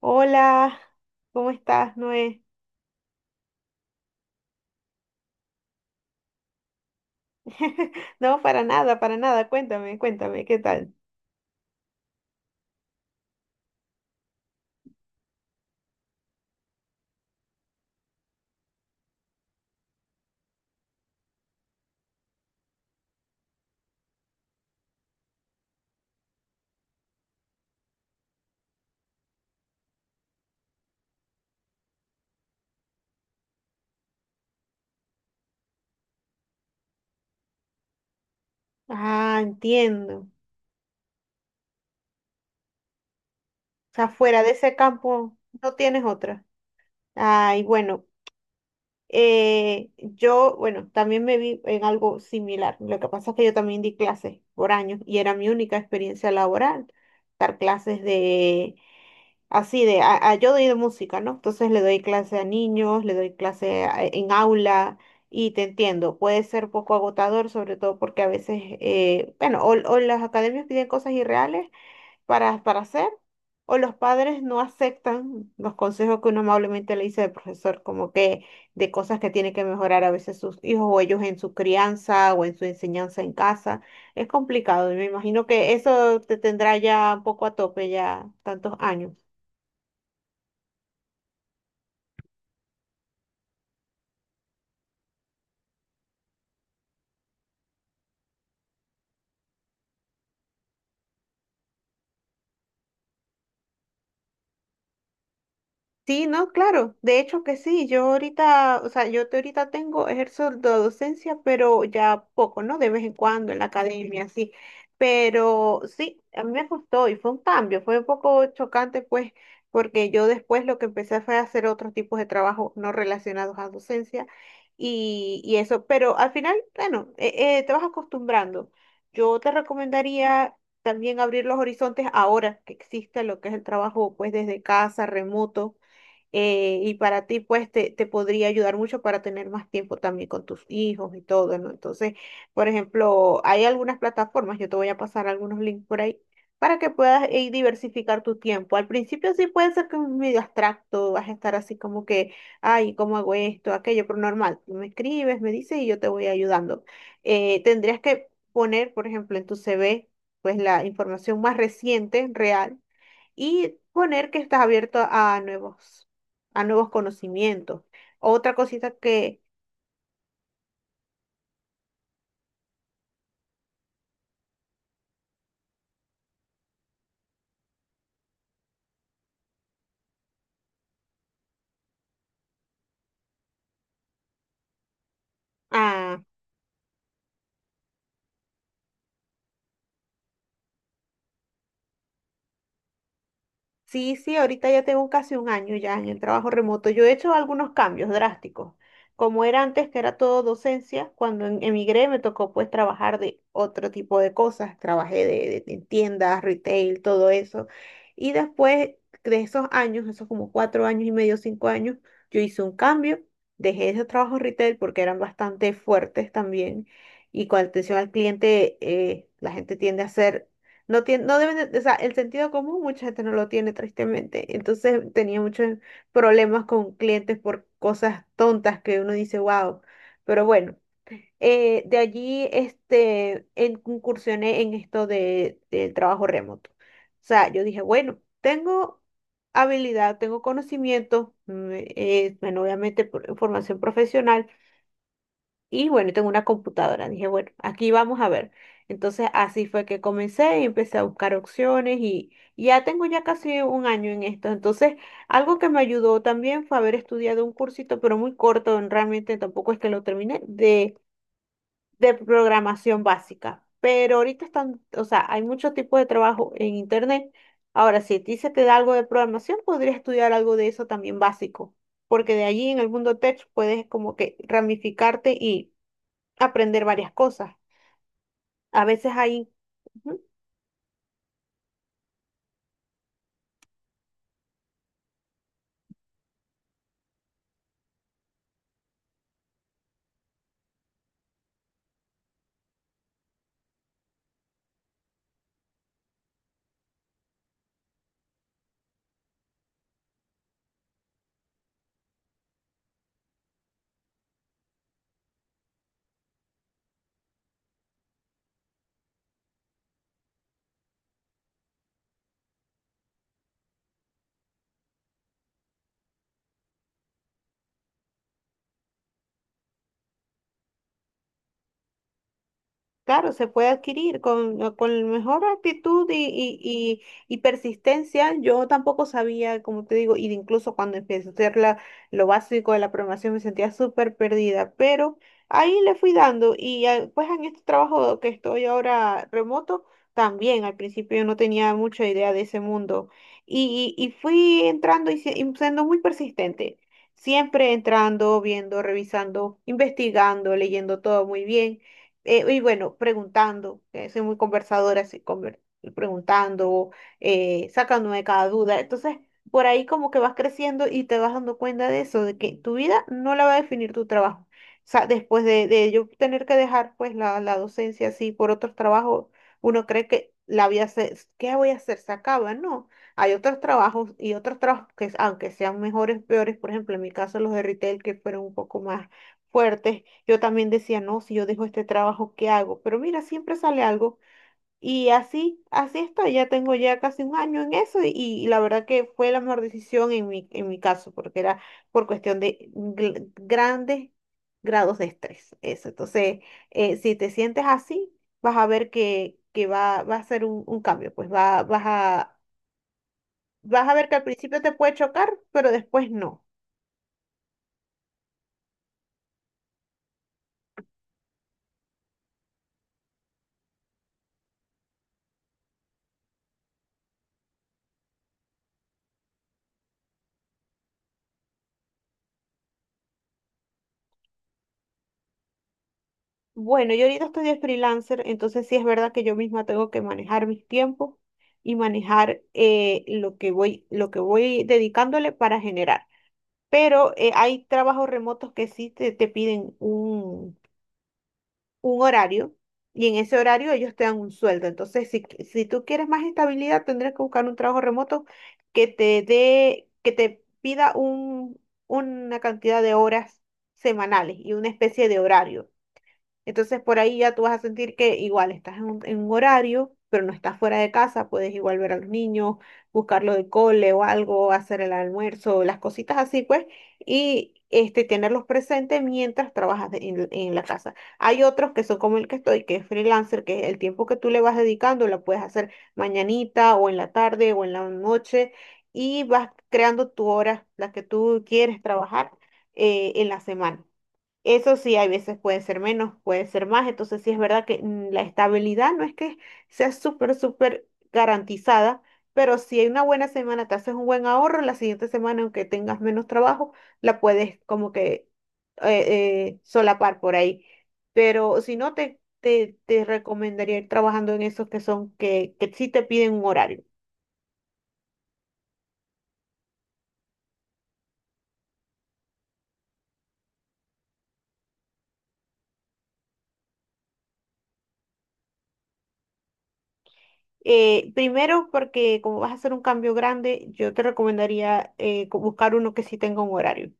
Hola, ¿cómo estás, Noé? No, para nada, para nada. Cuéntame, cuéntame, ¿qué tal? Ah, entiendo. O sea, fuera de ese campo no tienes otra. Ay, bueno, yo, bueno, también me vi en algo similar. Lo que pasa es que yo también di clases por años y era mi única experiencia laboral, dar clases de. Así de, yo doy de música, ¿no? Entonces le doy clase a niños, le doy clase en aula y te entiendo, puede ser poco agotador, sobre todo porque a veces, bueno, o las academias piden cosas irreales para hacer, o los padres no aceptan los consejos que uno amablemente le dice al profesor, como que de cosas que tiene que mejorar a veces sus hijos o ellos en su crianza o en su enseñanza en casa. Es complicado y me imagino que eso te tendrá ya un poco a tope ya tantos años. Sí, no, claro, de hecho que sí, yo ahorita, o sea, yo te ahorita tengo, ejerzo la docencia, pero ya poco, ¿no? De vez en cuando en la academia, sí, pero sí, a mí me gustó y fue un cambio, fue un poco chocante, pues, porque yo después lo que empecé fue a hacer otros tipos de trabajo no relacionados a docencia y eso, pero al final, bueno, te vas acostumbrando. Yo te recomendaría también abrir los horizontes ahora que existe lo que es el trabajo, pues, desde casa, remoto, y para ti, pues, te podría ayudar mucho para tener más tiempo también con tus hijos y todo, ¿no? Entonces, por ejemplo, hay algunas plataformas, yo te voy a pasar algunos links por ahí, para que puedas diversificar tu tiempo. Al principio sí puede ser que es medio abstracto, vas a estar así como que, ay, ¿cómo hago esto, aquello? Pero normal, tú me escribes, me dices y yo te voy ayudando. Tendrías que poner, por ejemplo, en tu CV, pues, la información más reciente, real y poner que estás abierto a nuevos conocimientos. Otra cosita que, ah. Sí, sí, ahorita ya tengo casi un año ya en el trabajo remoto. Yo he hecho algunos cambios drásticos. Como era antes, que era todo docencia, cuando emigré me tocó pues trabajar de otro tipo de cosas. Trabajé en tiendas, retail, todo eso. Y después de esos años, esos como cuatro años y medio, cinco años, yo hice un cambio. Dejé esos trabajos retail porque eran bastante fuertes también. Y con atención al cliente, la gente tiende a ser, no tiene, no deben de- o sea, el sentido común mucha gente no lo tiene, tristemente. Entonces tenía muchos problemas con clientes por cosas tontas que uno dice, wow. Pero bueno, de allí este, incursioné en esto de, del trabajo remoto. O sea, yo dije, bueno, tengo habilidad, tengo conocimiento, bueno, obviamente formación profesional y bueno, tengo una computadora. Dije, bueno, aquí vamos a ver. Entonces así fue que comencé y empecé a buscar opciones y ya tengo ya casi un año en esto. Entonces, algo que me ayudó también fue haber estudiado un cursito, pero muy corto, realmente tampoco es que lo terminé, de programación básica. Pero ahorita están, o sea, hay muchos tipos de trabajo en internet. Ahora, si a ti se te da algo de programación, podrías estudiar algo de eso también básico, porque de allí en el mundo tech puedes como que ramificarte, aprender varias cosas. A veces hay, ujú. Claro, se puede adquirir con la mejor actitud y persistencia. Yo tampoco sabía, como te digo, y de incluso cuando empecé a hacer la, lo básico de la programación me sentía súper perdida, pero ahí le fui dando y ah, pues en este trabajo que estoy ahora remoto, también al principio yo no tenía mucha idea de ese mundo y fui entrando y y siendo muy persistente, siempre entrando, viendo, revisando, investigando, leyendo todo muy bien. Y bueno, preguntando, soy muy conversadora, así, preguntando, sacándome de cada duda. Entonces, por ahí como que vas creciendo y te vas dando cuenta de eso, de que tu vida no la va a definir tu trabajo. O sea, después de yo tener que dejar pues la docencia así por otros trabajos, uno cree que la vida se, ¿qué voy a hacer? Se acaba, ¿no? Hay otros trabajos y otros trabajos que, aunque sean mejores, peores, por ejemplo, en mi caso los de retail que fueron un poco más fuertes, yo también decía, no, si yo dejo este trabajo, ¿qué hago? Pero mira, siempre sale algo. Y así, así estoy. Ya tengo ya casi un año en eso y la verdad que fue la mejor decisión en mi caso, porque era por cuestión de grandes grados de estrés. Eso. Entonces, si te sientes así, vas a ver que va, va a ser un cambio. Pues va, vas a, vas a ver que al principio te puede chocar, pero después no. Bueno, yo ahorita estoy de freelancer, entonces sí es verdad que yo misma tengo que manejar mis tiempos y manejar lo que voy dedicándole para generar. Pero hay trabajos remotos que sí te piden un horario y en ese horario ellos te dan un sueldo. Entonces, si, si tú quieres más estabilidad, tendrás que buscar un trabajo remoto que te dé, que te pida un, una cantidad de horas semanales y una especie de horario, entonces por ahí ya tú vas a sentir que igual estás en un horario, pero no estás fuera de casa, puedes igual ver a los niños, buscarlo de cole o algo, hacer el almuerzo, las cositas así pues, y este, tenerlos presentes mientras trabajas en la casa. Hay otros que son como el que estoy, que es freelancer, que el tiempo que tú le vas dedicando lo puedes hacer mañanita o en la tarde o en la noche y vas creando tu hora, la que tú quieres trabajar en la semana. Eso sí, hay veces pueden ser menos, pueden ser más, entonces sí es verdad que la estabilidad no es que sea súper, súper garantizada, pero si hay una buena semana, te haces un buen ahorro, la siguiente semana, aunque tengas menos trabajo, la puedes como que solapar por ahí. Pero si no, te recomendaría ir trabajando en esos que son, que sí te piden un horario. Primero, porque como vas a hacer un cambio grande, yo te recomendaría buscar uno que sí tenga un horario,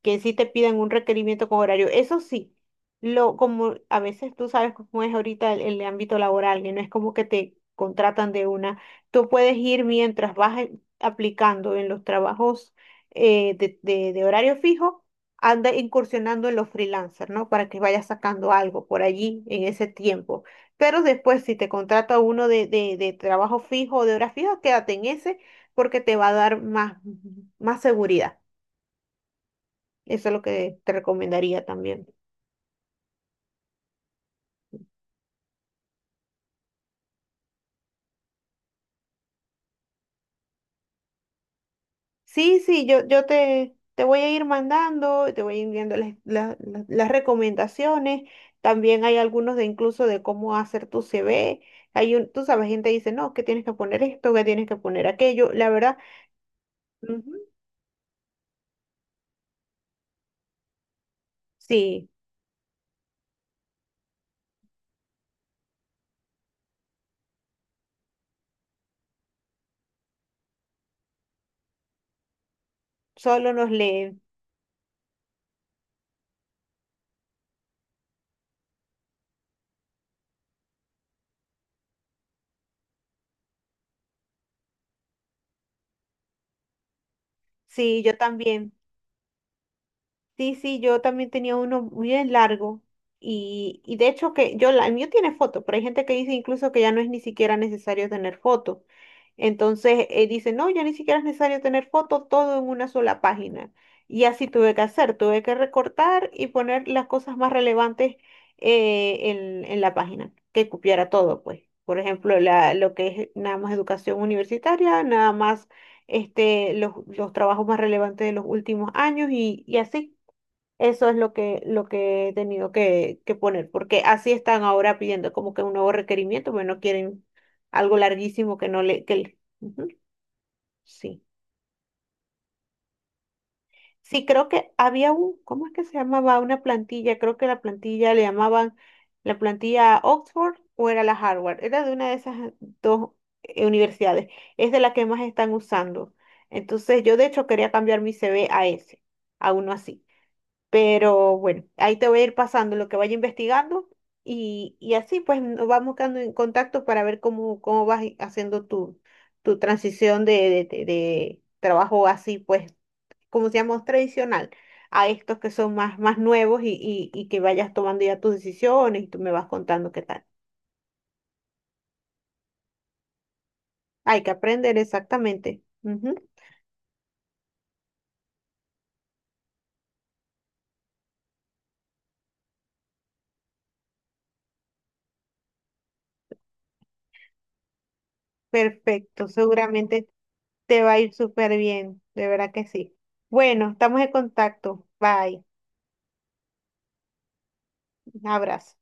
que sí te pidan un requerimiento con horario. Eso sí, lo, como a veces tú sabes cómo es ahorita el ámbito laboral, que no es como que te contratan de una. Tú puedes ir mientras vas aplicando en los trabajos, de horario fijo, anda incursionando en los freelancers, ¿no? Para que vayas sacando algo por allí en ese tiempo. Pero después, si te contrata uno de trabajo fijo o de hora fija, quédate en ese, porque te va a dar más, más seguridad. Eso es lo que te recomendaría también. Sí, sí, yo te voy a ir mandando, te voy a ir enviando las, las recomendaciones. También hay algunos de incluso de cómo hacer tu CV. Hay un, tú sabes, gente dice, no, que tienes que poner esto, que tienes que poner aquello. La verdad, ujú, sí, solo nos leen. Sí, yo también. Sí, sí, yo también tenía uno muy bien largo y de hecho que yo, el mío tiene foto, pero hay gente que dice incluso que ya no es ni siquiera necesario tener foto. Entonces dice, no, ya ni siquiera es necesario tener foto, todo en una sola página. Y así tuve que hacer, tuve que recortar y poner las cosas más relevantes, en la página, que cupiera todo, pues. Por ejemplo, la, lo que es nada más educación universitaria, nada más este, los trabajos más relevantes de los últimos años y así. Eso es lo que he tenido que poner, porque así están ahora pidiendo como que un nuevo requerimiento, bueno quieren algo larguísimo que no le, Ujú, sí. Sí, creo que había un, ¿cómo es que se llamaba? Una plantilla, creo que la plantilla le llamaban la plantilla Oxford o era la Harvard, era de una de esas dos, universidades, es de la que más están usando. Entonces yo de hecho quería cambiar mi CV a ese, a uno así. Pero bueno, ahí te voy a ir pasando lo que vaya investigando y así pues nos vamos quedando en contacto para ver cómo, cómo vas haciendo tu, tu transición de trabajo así pues, como se llama, tradicional, a estos que son más, más nuevos y que vayas tomando ya tus decisiones y tú me vas contando qué tal. Hay que aprender exactamente. Ujú. Perfecto, seguramente te va a ir súper bien, de verdad que sí. Bueno, estamos en contacto. Bye, un abrazo.